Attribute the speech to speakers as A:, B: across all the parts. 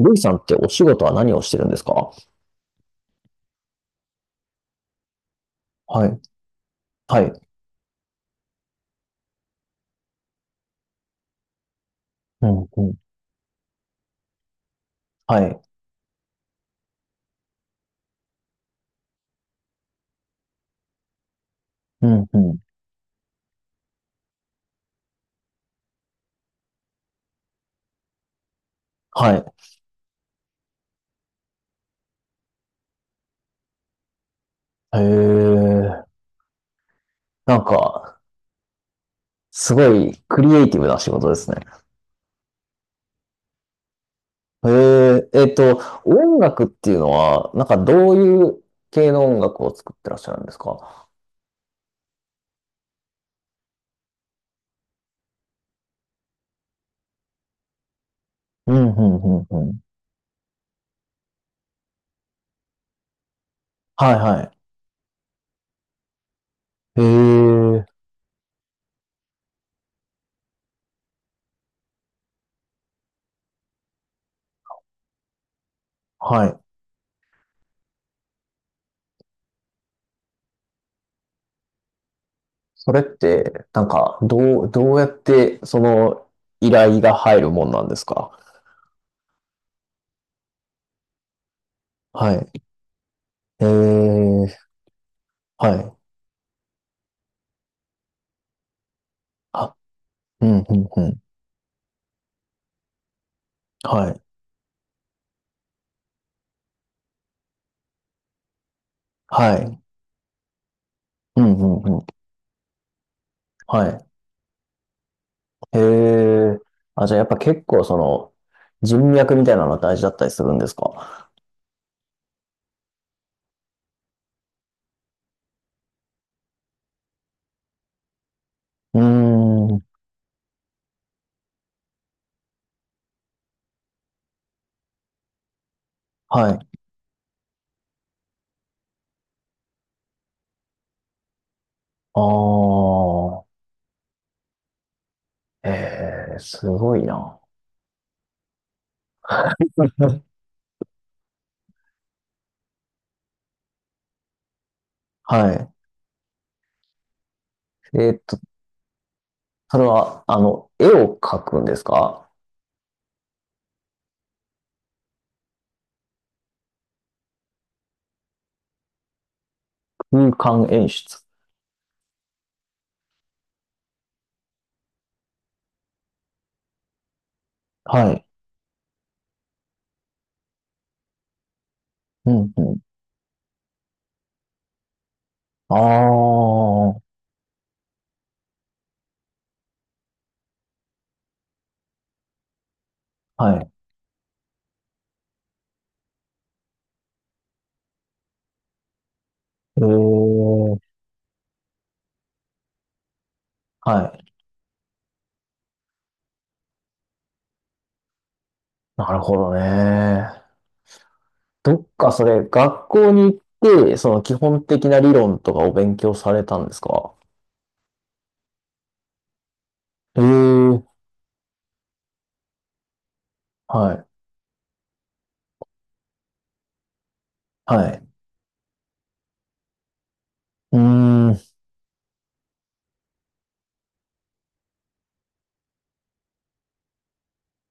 A: ルイさんってお仕事は何をしてるんですか？はい。はい。うん、うん。はい。うん、うん。はい。へえ。なんか、すごいクリエイティブな仕事ですね。へえ。音楽っていうのは、なんかどういう系の音楽を作ってらっしゃるんですか？うん、うん、うん、うん。はい、はい。へえ。はい。それって、どうやって、依頼が入るもんなんですか？はい。えー、はい。あ、うん、うん、うん。はい。はい。うん、うん、うん。はい。へえ。あ、じゃあやっぱ結構その人脈みたいなのは大事だったりするんですか？うーん。はい。ああ。ええ、すごいな。はい。えーっと、それは、絵を描くんですか？空間演出。はい。うん、うん。ああ。はい。ええ。はい。なるほどね。どっかそれ、学校に行って、その基本的な理論とかを勉強されたんですか？ええー、はい、はい。うーん、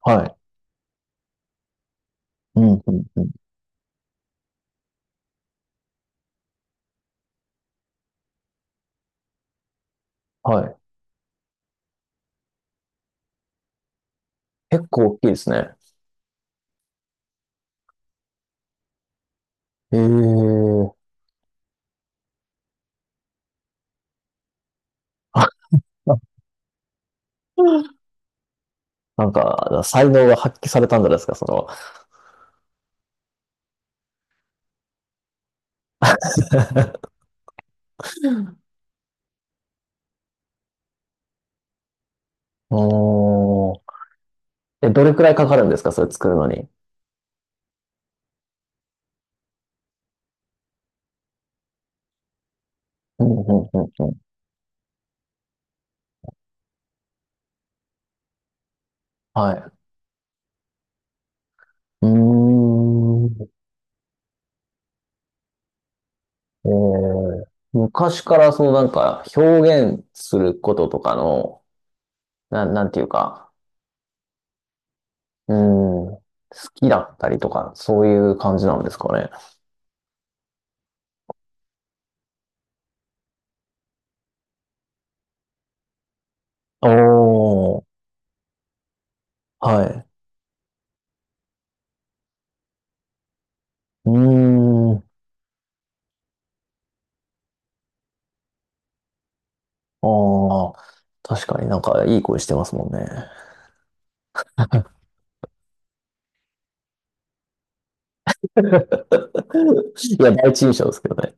A: はい。うん、うん、うん。はい。結構大きいですね。ええー、あ、なんか、才能が発揮されたんじゃないですか、その。おー。え、どれくらいかかるんですか、それ作るのに。うん、うん、うん、うん。はい。うーん。えー、昔からそのなんか表現することとかのなんていうか、うーん、好きだったりとか、そういう感じなんですかね。おー、はい。うーん、ああ、確かになんかいい声してますもんね。いや、第一印象ですけどね。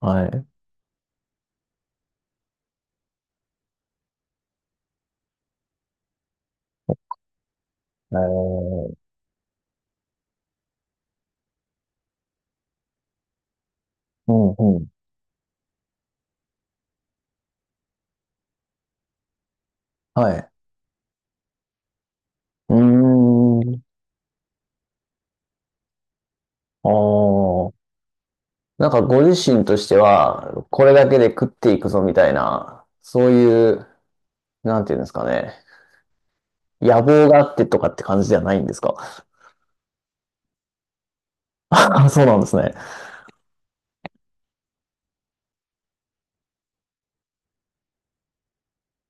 A: はい。えー、うんうん。はい。うーん、ああ。なんかご自身としては、これだけで食っていくぞみたいな、そういう、なんていうんですかね。野望があってとかって感じではないんですか？ あ、そうなんですね。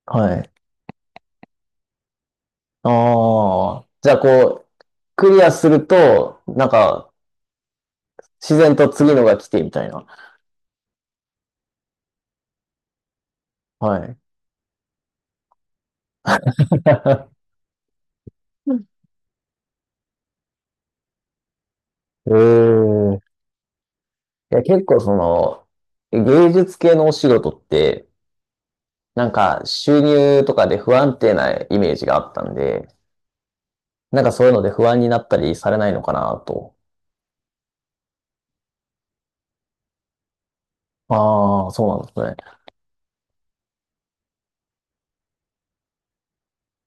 A: はい。ああ。じゃあこう、クリアすると、なんか、自然と次のが来てみたいな。はい。ええ。いや、結構その、芸術系のお仕事って、なんか収入とかで不安定なイメージがあったんで、なんかそういうので不安になったりされないのかなと。ああ、そうなんですね。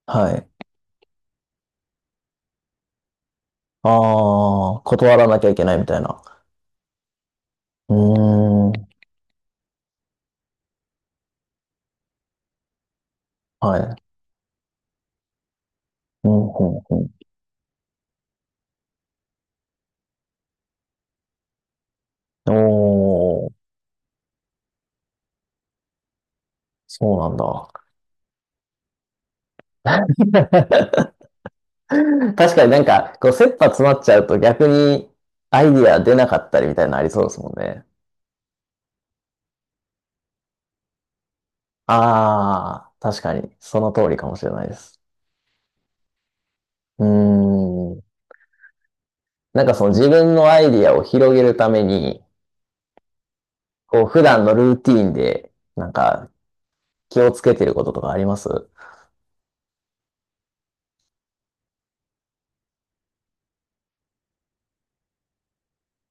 A: はい。ああ、断らなきゃいけないみたいな。うーん。はい。うん、うん、うん。おー。そうなんだ。確かになんか、こう、切羽詰まっちゃうと逆にアイディア出なかったりみたいなのありそうですもんね。ああ、確かに、その通りかもしれないです。うーん。なんかその自分のアイディアを広げるために、こう、普段のルーティーンで、なんか、気をつけてることとかあります？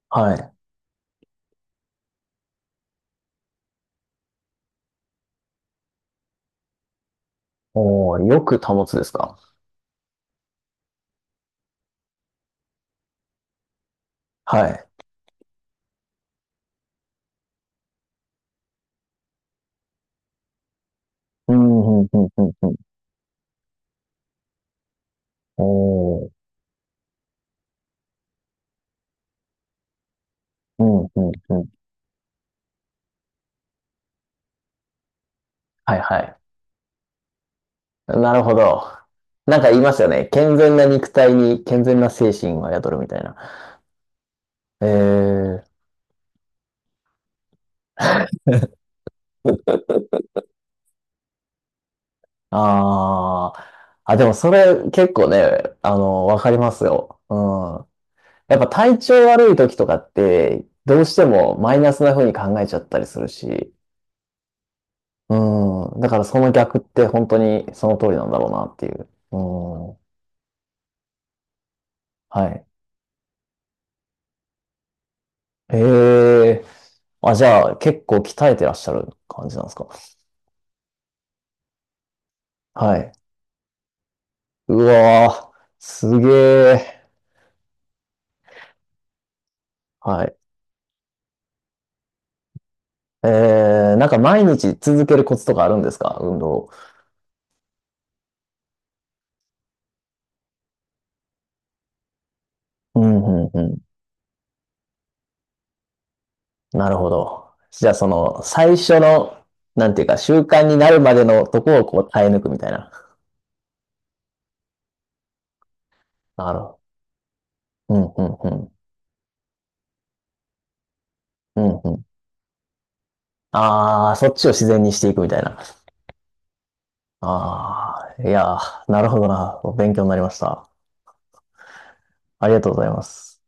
A: はい。おー、よく保つですか？はい。うん、うん、うん、うん、うん。おー、うん、うん、うん。はい、はい。なるほど。なんか言いますよね。健全な肉体に健全な精神は宿るみたいな。えー、あー。あ、でもそれ結構ね、あの、わかりますよ。うん。やっぱ体調悪い時とかって、どうしてもマイナスな風に考えちゃったりするし。うん。だからその逆って本当にその通りなんだろうなっていう。うん。はい。ええー。あ、じゃあ結構鍛えてらっしゃる感じなんですか。はい。うわー、すげえ。はい。えー、なんか毎日続けるコツとかあるんですか運動を？うん、うん、うん。なるほど。じゃあその、最初の、なんていうか、習慣になるまでのとこをこう耐え抜くみたいな。なるほど。うん、うん、うん。うん、うん。あー、そっちを自然にしていくみたいな。あー、いやー、なるほどな。勉強になりました。ありがとうございます。